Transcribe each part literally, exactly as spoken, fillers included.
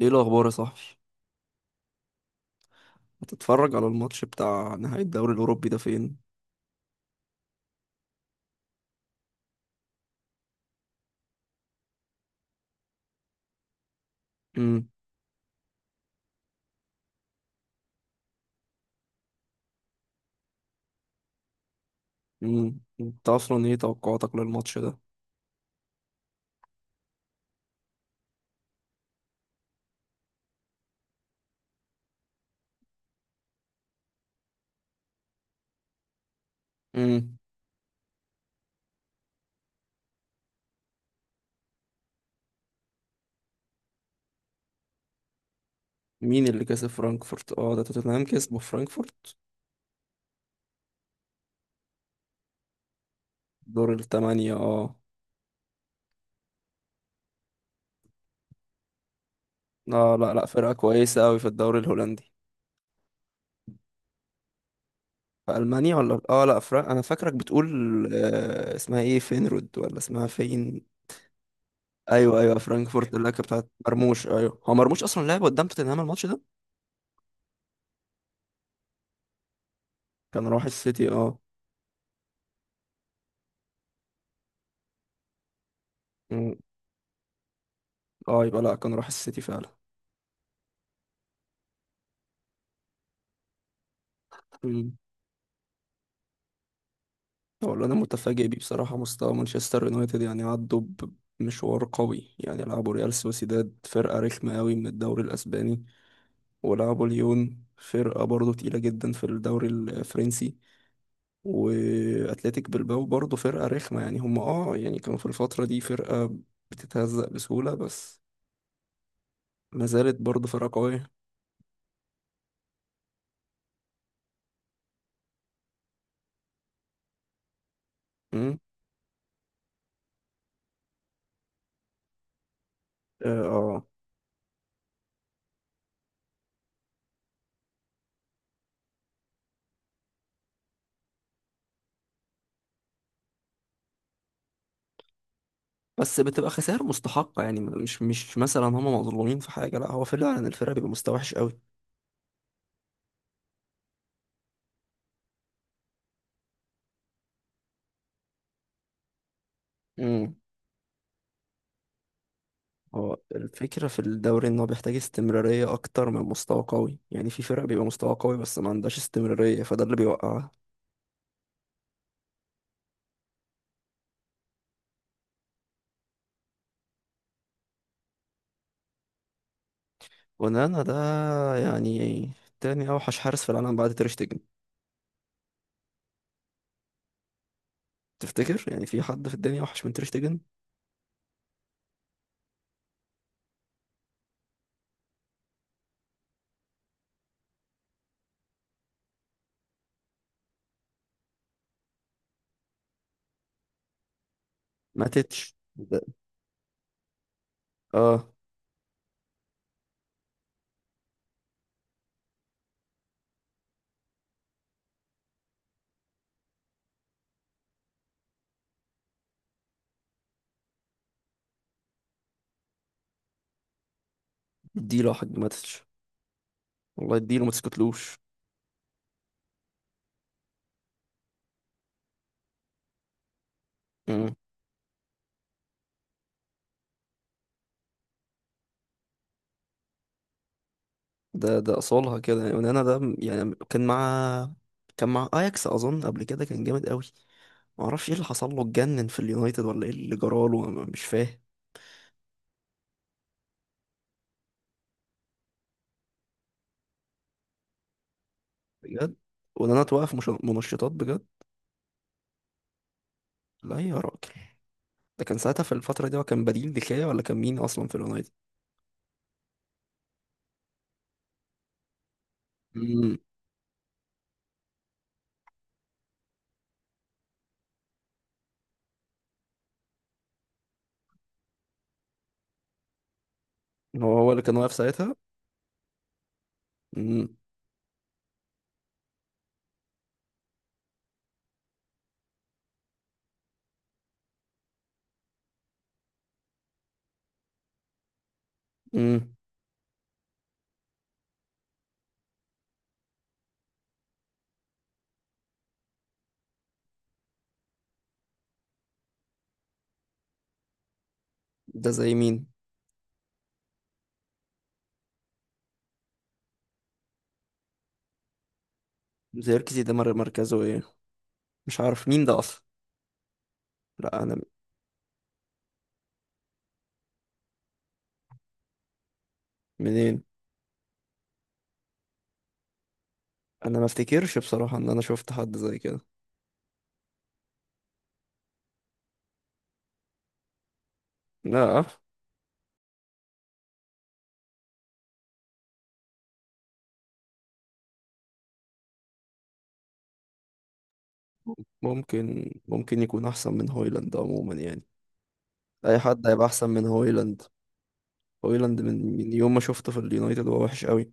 ايه الاخبار يا صاحبي؟ هتتفرج على الماتش بتاع نهائي الدوري الاوروبي ده فين؟ امم امم انت اصلا ايه توقعاتك للماتش ده؟ امم مين اللي كسب فرانكفورت؟ اه، ده توتنهام كسبه في فرانكفورت. دور الثمانية، اه. لا، لا، لا، فرقة كويسة أوي في الدوري الهولندي. في ألمانيا ولا؟ اه لا، فرق. أنا فاكرك بتقول آه، اسمها ايه؟ فينرود ولا اسمها فين؟ أيوه، أيوه، فرانكفورت اللي كانت بتاعت مرموش. أيوه، هو مرموش أصلا لعب قدام توتنهام الماتش ده؟ كان راح السيتي، اه. مم. اه، يبقى لا، كان راح السيتي فعلا. مم. والله انا متفاجئ بيه بصراحه، مستوى مانشستر يونايتد يعني عدوا بمشوار قوي. يعني لعبوا ريال سوسيداد، فرقه رخمه قوي من الدوري الاسباني، ولعبوا ليون، فرقه برضه تقيله جدا في الدوري الفرنسي. واتلتيك بلباو برضه فرقه رخمه، يعني هم اه يعني كانوا في الفتره دي فرقه بتتهزق بسهوله، بس ما زالت برضه فرقه قويه. مم. اه، آه. بس بتبقى خسائر مستحقه، يعني مش مش مثلا هم مظلومين في حاجه، لا هو فعلا الفرقه بيبقى مستوى وحش قوي. مم. هو الفكرة في الدوري إن هو بيحتاج استمرارية أكتر من مستوى قوي، يعني في فرق بيبقى مستوى قوي بس ما عندهاش استمرارية، فده اللي بيوقعها. ونانا ده، يعني تاني أوحش حارس في العالم بعد تيرشتيجن. تفتكر يعني في حد في الدنيا أوحش من تيرشتيجن؟ ماتيتش ده. اه. اديله حق ماتيتش، والله اديله ما تسكتلوش. مم. ده ده أصولها كده، ونانا ده م- يعني كان مع كان مع أياكس أظن، قبل كده كان جامد قوي. معرفش ايه اللي حصل له، اتجنن في اليونايتد ولا ايه اللي جراله، أنا مش فاهم. بجد. وان انا توقف مش- منشطات بجد؟ لا يا راجل، ده كان ساعتها في الفترة دي هو كان بديل دكايا ولا كان مين أصلا في اليونايتد؟ امم هو هو اللي كان واقف ساعتها؟ امم امم ده زي مين؟ زيركزي ده مر- مركزه ايه؟ مش عارف مين ده أصلا؟ لا أنا، منين؟ أنا ما افتكرش بصراحة إن أنا شفت حد زي كده. لا. ممكن ممكن يكون أحسن من هويلاند عموما، يعني أي حد هيبقى أحسن من هويلاند. هويلاند من من يوم ما شفته في اليونايتد هو وحش قوي.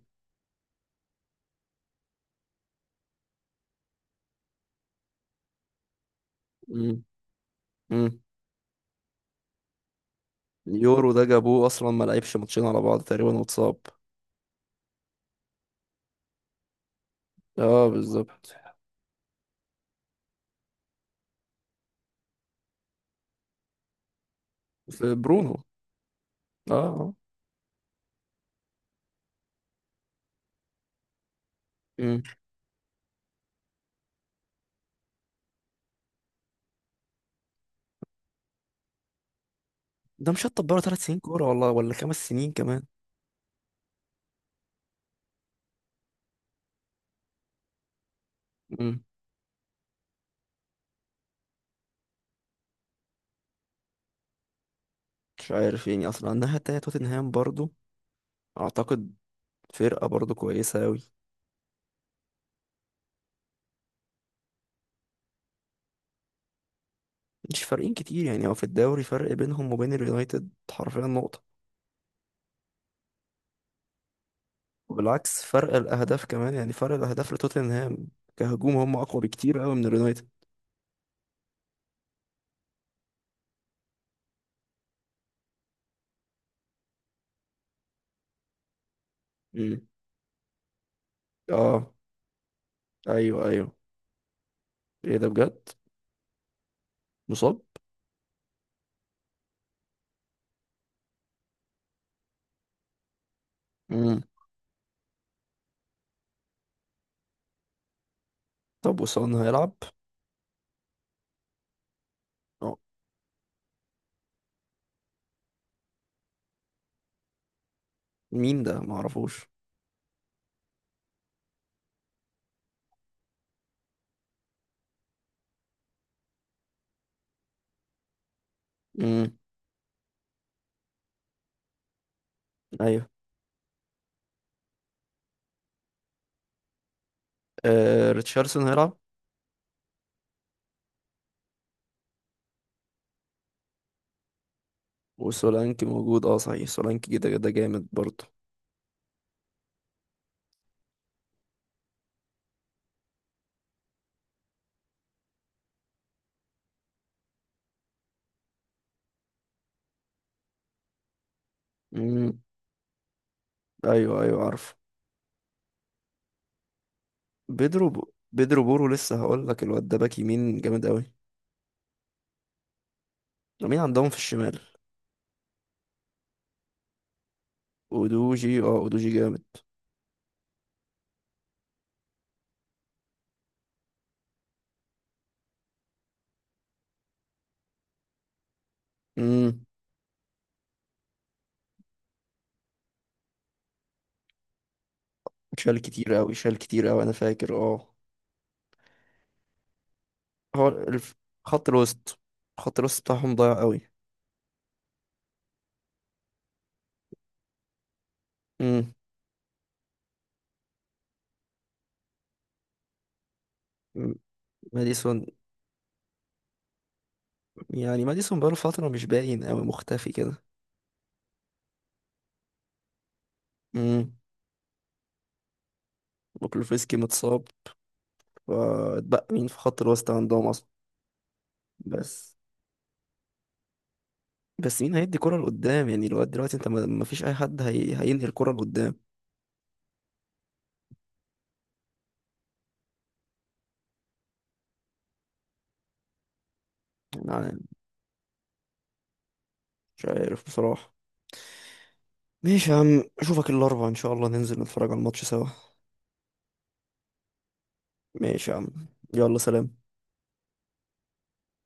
امم اليورو ده جابوه اصلا ما لعبش ماتشين على بعض تقريبا واتصاب. اه، بالظبط. في برونو. اه، آه. مم. ده مشطب بره ثلاث سنين كوره، والله ولا خمس سنين كمان. مم. مش عارف يعني، اصلا الناحيه التانيه توتنهام برضو اعتقد فرقه برضو كويسه اوي. مش فارقين كتير، يعني هو في الدوري فرق بينهم وبين اليونايتد حرفيا نقطه. وبالعكس، فرق الاهداف كمان، يعني فرق الاهداف لتوتنهام كهجوم هم اقوى بكتير اوي من اليونايتد. مم. اه. ايوه، ايوه. ايه ده بجد؟ مصاب؟ مم. طب وسون هيلعب؟ اه. مين ده؟ معرفوش. امم ايوه. آه، ريتشاردسون هيلعب؟ وسولانكي موجود، اه صحيح، سولانكي كده كده جامد برضه. امم ايوه، ايوه، عارف. بيدرو ب... بيدرو بورو لسه هقول لك، الواد ده باك يمين جامد قوي. مين عندهم في الشمال؟ اودوجي؟ اه، اودوجي جامد. امم شال كتير قوي، شال كتير قوي، انا فاكر، اه. هو الف... خط الوسط. خط الوسط بتاعهم ضايع قوي. امم ماديسون. يعني ماديسون بقاله فترة مش باين قوي، مختفي كده. امم وكلوفسكي متصاب. فاتبقى مين في خط الوسط عندهم اصلا؟ بس، بس مين هيدي كرة لقدام؟ يعني لغاية دلوقتي انت ما ما فيش اي حد هي... هينهي الكرة لقدام. يعني، مش عارف بصراحة. ماشي يا عم، اشوفك الاربعاء ان شاء الله، ننزل نتفرج على الماتش سوا. ماشي يا عم. يلا سلام.